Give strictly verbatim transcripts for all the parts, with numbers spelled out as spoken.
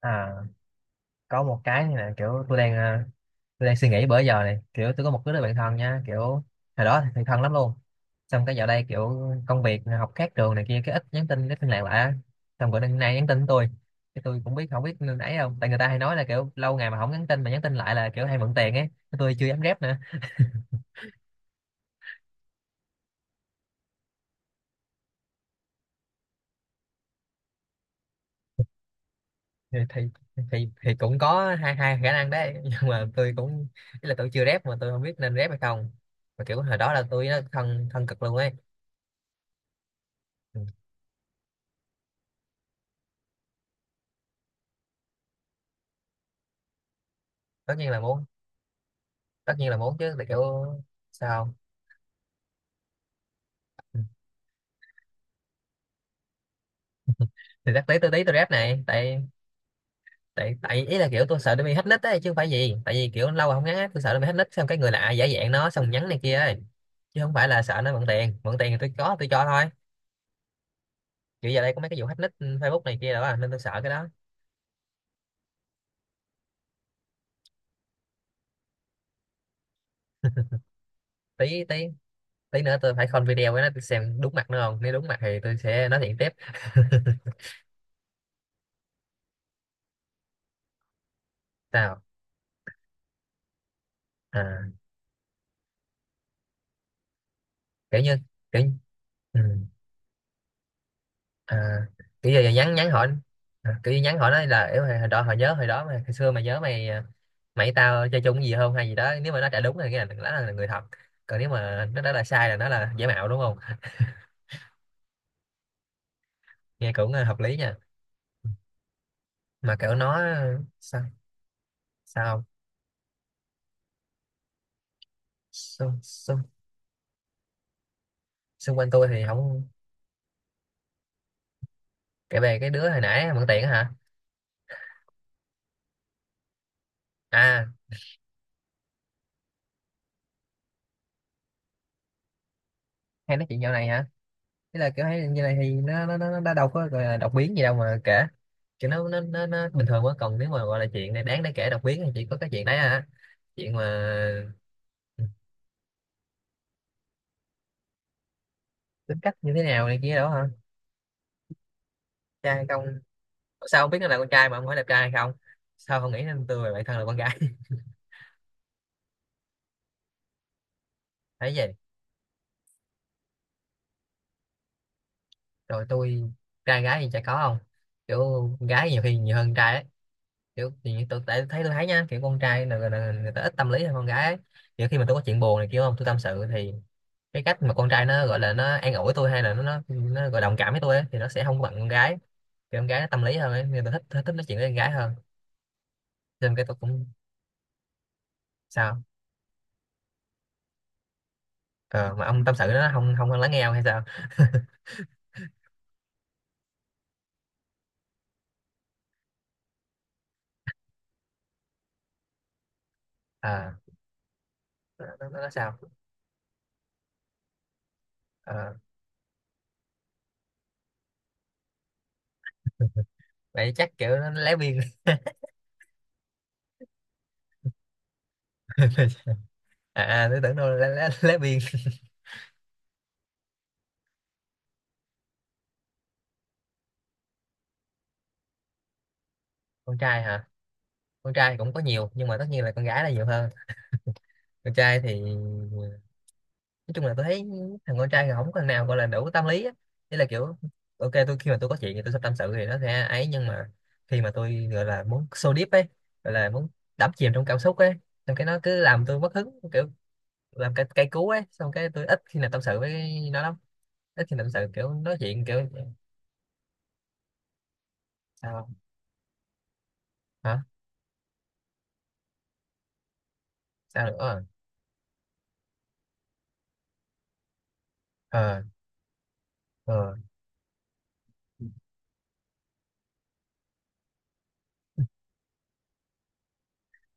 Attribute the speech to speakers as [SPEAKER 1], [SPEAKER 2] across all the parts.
[SPEAKER 1] à, có một cái như là kiểu tôi đang à, tôi đang suy nghĩ bữa giờ này. Kiểu tôi có một đứa bạn thân nha, kiểu hồi đó thì thân lắm luôn, xong cái dạo đây kiểu công việc học khác trường này kia, cái ít nhắn tin ít liên lạc lại á. Xong bữa nay nhắn tin với tôi, cái tôi cũng biết không biết nên ấy không, tại người ta hay nói là kiểu lâu ngày mà không nhắn tin mà nhắn tin lại là kiểu hay mượn tiền ấy. Cái tôi chưa dám rep nữa. Thì thì thì, thì cũng có hai hai khả năng đấy, nhưng mà tôi cũng, ý là tôi chưa rep mà tôi không biết nên rep hay không. Mà kiểu hồi đó là tôi nó thân thân cực luôn ấy. Ừ, tất nhiên là muốn, tất nhiên là muốn chứ, tại kiểu sao không? Ừ. Thì chắc tí tôi tí tôi rep này, tại tại tại ý là kiểu tôi sợ nó bị hack nick ấy, chứ không phải gì, tại vì kiểu lâu rồi không nhắn, tôi sợ nó bị hack nick xong cái người lạ giả dạng nó xong nhắn này kia ấy, chứ không phải là sợ nó mượn tiền. Mượn tiền thì tôi có tôi cho thôi. Kiểu giờ đây có mấy cái vụ hack nick ừ Facebook này kia đó à, nên tôi sợ cái đó. Tí tí tí nữa tôi phải call video với nó, tôi xem đúng mặt nó không, nếu đúng mặt thì tôi sẽ nói chuyện tiếp. Sao à, kiểu như kiểu, ừ. à, Kiểu giờ nhắn nhắn hỏi, à, kiểu như nhắn hỏi nó là kiểu hồi hồi đó hồi nhớ hồi đó mà hồi xưa mày nhớ mày à, mày với tao chơi chung cái gì không hay gì đó. Nếu mà nó trả đúng thì cái này đó là người thật, còn nếu mà nó đó là sai là nó là giả mạo đúng không. Nghe cũng à, hợp lý nha. Mà kiểu nó sao sao. xung, xung, Xung quanh tôi thì không. Kể về cái đứa hồi nãy mượn tiền á hả? À, hay nói chuyện dạo này hả? Thế là kiểu thấy như này thì nó nó nó, nó đã đâu có gọi là đột biến gì đâu mà kể, chứ nó nó nó, nó bình thường quá. Còn nếu mà gọi là chuyện này đáng để kể đọc biến thì chỉ có cái chuyện đấy à, chuyện mà. Ừ, tính cách như thế nào này kia đó hả, trai hay không. Sao không biết nó là con trai mà không hỏi đẹp trai hay không. Sao không nghĩ nên tôi và bạn thân là con gái. Thấy vậy. Rồi tôi, trai gái thì chả có không, kiểu con gái nhiều khi nhiều hơn trai ấy. Kiểu thì như tôi, tại thấy tôi thấy nha, kiểu con trai là, là, là người ta ít tâm lý hơn con gái ấy. Kiểu khi mà tôi có chuyện buồn này kia không, tôi tâm sự thì cái cách mà con trai nó gọi là nó an ủi tôi hay là nó nó, nó gọi đồng cảm với tôi ấy, thì nó sẽ không có bằng con gái. Thì con gái nó tâm lý hơn ấy, nên tôi thích, thích thích nói chuyện với con gái hơn. Cho nên cái tôi cũng sao. ờ, mà ông tâm sự nó không không lắng nghe ông hay sao. Ờ, nó, nó, nó nó sao. ờ, Vậy chắc kiểu nó nó lé biên. À, à tôi tưởng đâu là lé, lé, lé biên. Con trai hả, con trai cũng có nhiều nhưng mà tất nhiên là con gái là nhiều hơn. Con trai thì nói chung là tôi thấy thằng con trai thì không có thằng nào gọi là đủ tâm lý á. Thế là kiểu ok, tôi khi mà tôi có chuyện thì tôi sẽ tâm sự thì nó sẽ ấy, nhưng mà khi mà tôi gọi là muốn so deep ấy, gọi là muốn đắm chìm trong cảm xúc ấy, xong cái nó cứ làm tôi mất hứng. Kiểu làm cái cây cú ấy, xong cái tôi ít khi nào tâm sự với nó lắm. Ít khi nào tâm sự kiểu nói chuyện kiểu sao hả, sao nữa ờ ờ ờ."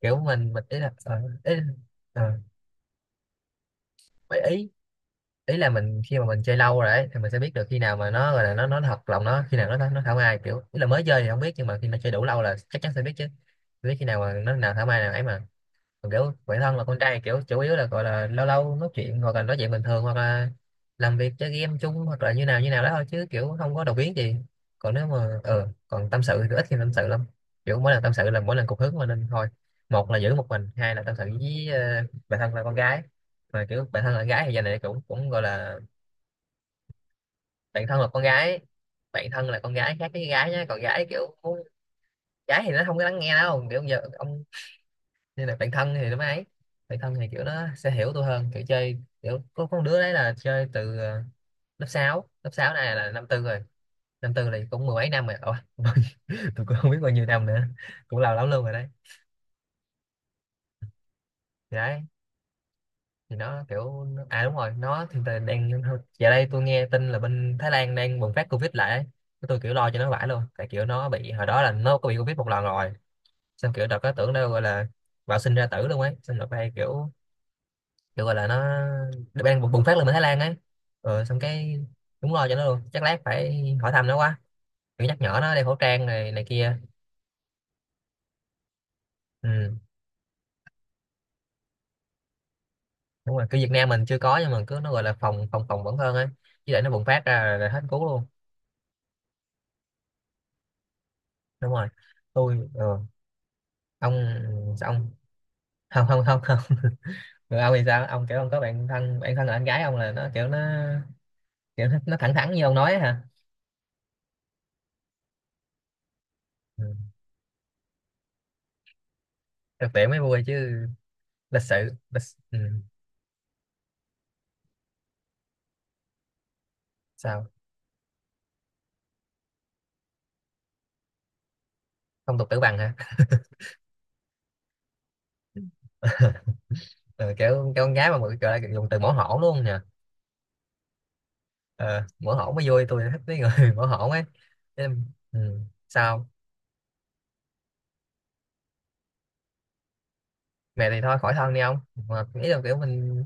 [SPEAKER 1] Kiểu mình mình ý là ờ ý, ờ, mấy ý ý là mình khi mà mình chơi lâu rồi ấy, thì mình sẽ biết được khi nào mà nó gọi là nó nó thật lòng nó, khi nào nó nó thảo mai. Kiểu ý là mới chơi thì không biết nhưng mà khi nó chơi đủ lâu là chắc chắn sẽ biết chứ. Biết khi nào mà nó nào thảo mai nào ấy mà. Còn kiểu bản thân là con trai kiểu chủ yếu là gọi là lâu lâu nói chuyện hoặc là nói chuyện bình thường hoặc là làm việc chơi game chung hoặc là như nào như nào đó thôi, chứ kiểu không có đầu biến gì. Còn nếu mà ờ còn tâm sự thì ít khi tâm sự lắm, kiểu mỗi lần tâm sự là mỗi lần cục hứng mà nên thôi. Một là giữ một mình, hai là tâm sự với ờ, bạn thân là con gái. Mà kiểu bạn thân là con gái thì giờ này cũng cũng gọi là bạn thân là con gái. Bạn thân là con gái khác với gái nhé, còn gái kiểu muốn-, gái thì nó không có lắng nghe đâu kiểu giờ ông. Nên là bạn thân thì nó mới ấy, bạn thân thì kiểu nó sẽ hiểu tôi hơn. Kiểu chơi kiểu có con đứa đấy là chơi từ ờ, lớp sáu lớp sáu này là năm tư rồi. Năm tư là cũng mười mấy năm rồi. Ủa, tôi cũng không biết bao nhiêu năm nữa, cũng lâu lắm luôn rồi đấy. Thì đấy, thì nó kiểu nó-, à đúng rồi, nó thì tại đang, giờ đây tôi nghe tin là bên Thái Lan đang bùng phát Covid lại ấy. Cái tôi kiểu lo cho nó vãi luôn, tại kiểu nó bị, hồi đó là nó có bị Covid một lần rồi, xong kiểu đợt có tưởng đâu gọi là bạo sinh ra tử luôn ấy. Xong đợt đây kiểu được gọi là nó đang bùng bùng phát lên ở Thái Lan ấy. Ờ, xong cái đúng lo cho nó luôn, chắc lát phải hỏi thăm nó quá, kiểu nhắc nhở nó đeo khẩu trang này này kia. Ừ đúng rồi, cứ Việt Nam mình chưa có nhưng mà cứ nó gọi là phòng phòng phòng vẫn hơn ấy, chứ để nó bùng phát ra là hết cứu luôn. Đúng rồi. Tôi ờ, ông sao ông, không không không không. Rồi ông thì sao ông, kiểu ông có bạn thân, bạn thân là anh gái ông là nó kiểu nó, kiểu nó, nó thẳng thắn như ông nói ấy, hả. Ừ. Thực tiễn mới vui chứ. Lịch sự, lịch... Ừ. Sao, phong tục tử bằng hả? Ờ, kiểu kiểu con gái mà mọi gọi là dùng từ mỏ hổn luôn nè. Ờ, mỏ hổn mới vui, tôi thích mấy người mỏ hổn ấy. Thế em-, ừ. Sao. Mẹ thì thôi khỏi thân đi ông, mà nghĩ là kiểu mình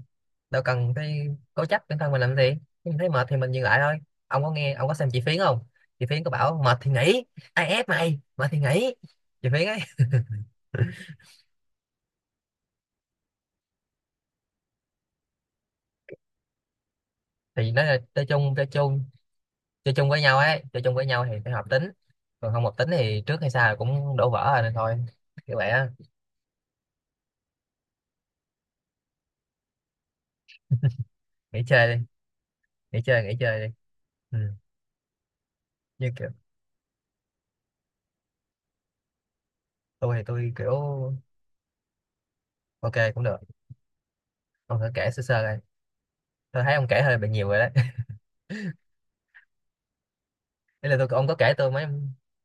[SPEAKER 1] đâu cần cái cố chấp bản thân mình làm gì. Khi mình thấy mệt thì mình dừng lại thôi. Ông có nghe ông có xem chị Phiến không? Chị Phiến có bảo mệt thì nghỉ, ai ép mày, mệt thì nghỉ, chị Phiến ấy. Thì nói là chơi chung chơi chung chơi chung với nhau ấy, chơi chung với nhau thì phải hợp tính. Còn không hợp tính thì trước hay sau cũng đổ vỡ rồi nên thôi, kiểu vậy á. Nghỉ chơi đi, nghỉ chơi nghỉ chơi đi. Ừ. Như kiểu tôi thì tôi kiểu, ok cũng được, ông thử kể sơ sơ đây. Tôi thấy ông kể hơi bị nhiều rồi đấy. Ý là tôi, ông có kể tôi mấy,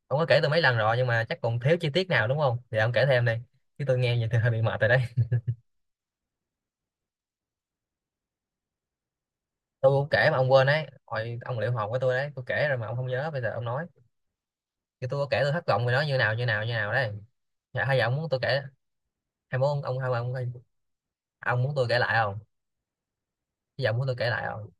[SPEAKER 1] ông có kể tôi mấy lần rồi nhưng mà chắc còn thiếu chi tiết nào đúng không thì ông kể thêm đi, chứ tôi nghe vậy thì hơi bị mệt rồi đấy. Tôi cũng kể mà ông quên đấy, hồi ông liệu hồn với tôi đấy tôi kể rồi mà ông không nhớ bây giờ ông nói. Thì tôi có kể tôi thất vọng rồi nó như nào như nào như nào đấy. Dạ hay giờ ông muốn tôi kể, hay muốn ông ông hay ông ông ông muốn tôi kể lại không, bây giờ ông muốn tôi kể lại không?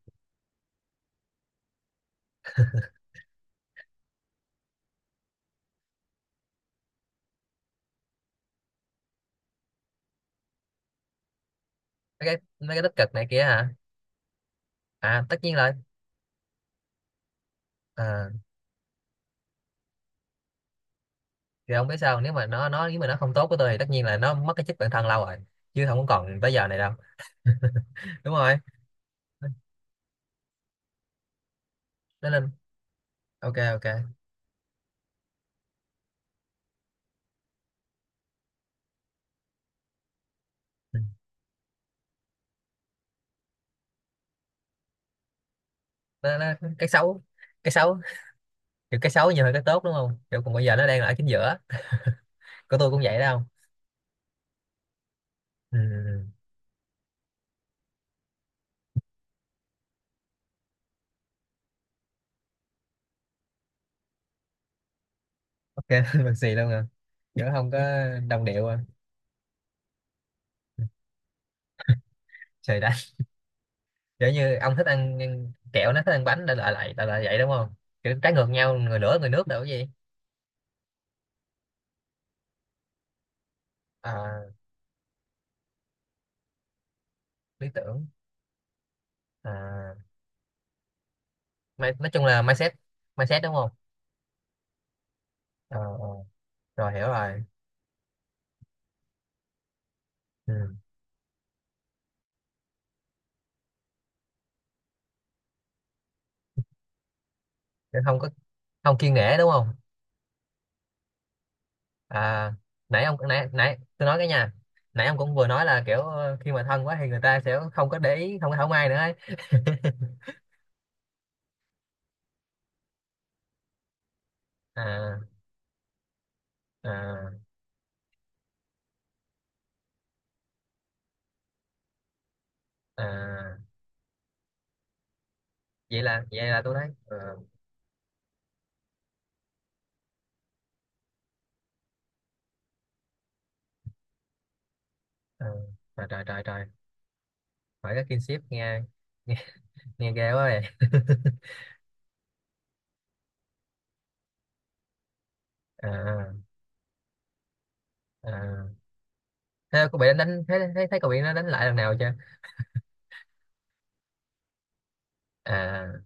[SPEAKER 1] Mấy cái, mấy cái tích cực này kia hả. À tất nhiên rồi. Ờ thì không biết sao, nếu mà nó nó nếu mà nó không tốt với tôi thì tất nhiên là nó mất cái chất bản thân lâu rồi, chứ không còn tới giờ này đâu. Đúng rồi. Nó lên, ok ok. Ừ. nó, nó, cái xấu, cái xấu, kiểu cái xấu nhiều hơn cái tốt đúng không, kiểu còn bây giờ nó đang là ở chính giữa. Của tôi cũng vậy đâu. Ừ. Ừ. Ok bằng xì luôn à, giữa không có đồng điệu à. Trời đất, kiểu như ông thích ăn kẹo nó thích ăn bánh đã lại lại lại lại vậy đúng không, kiểu trái ngược nhau người lửa người nước đâu cái gì. à, Lý tưởng, à, mai-, nói chung là mindset, mindset đúng không. Ờ, ờ. Rồi hiểu rồi. Ừ. Chứ không có, không kiêng nể đúng không. À nãy ông, nãy nãy tôi nói cái nha, nãy ông cũng vừa nói là kiểu ờ, khi mà thân quá thì người ta sẽ không có để ý, không có thảo mai nữa ấy. à, à, à. Vậy là vậy là tôi nói ờ, ờ. trời trời trời trời. Hỏi cái kinship nghe, nghe, nghe ghê quá vậy. à, à. Thế cô bị đánh đánh thấy thấy thấy cậu bị nó đánh lại lần nào chưa. à,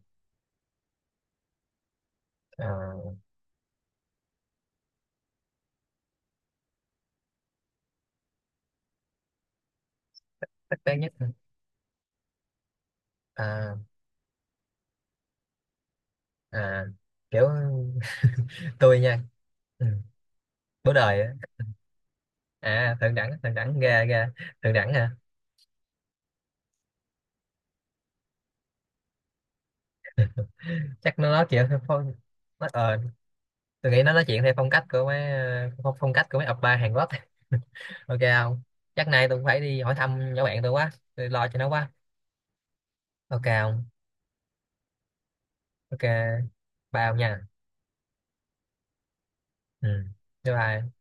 [SPEAKER 1] à. Thích bé nhất hả? à, à. Kiểu tôi nha, ừ. Bố đời á. À thượng đẳng, thượng đẳng ra ra, thượng đẳng hả. Chắc nó nói chuyện theo phong, nó ờ, tôi nghĩ nó nói chuyện theo phong cách của mấy ờ, phong, phong cách của mấy oppa Hàn Quốc. Ok không. Chắc nay tôi cũng phải đi hỏi thăm nhỏ bạn tôi quá, tôi lo cho nó quá. Ok không. Ok. Bao nha. Ừ, bye bye.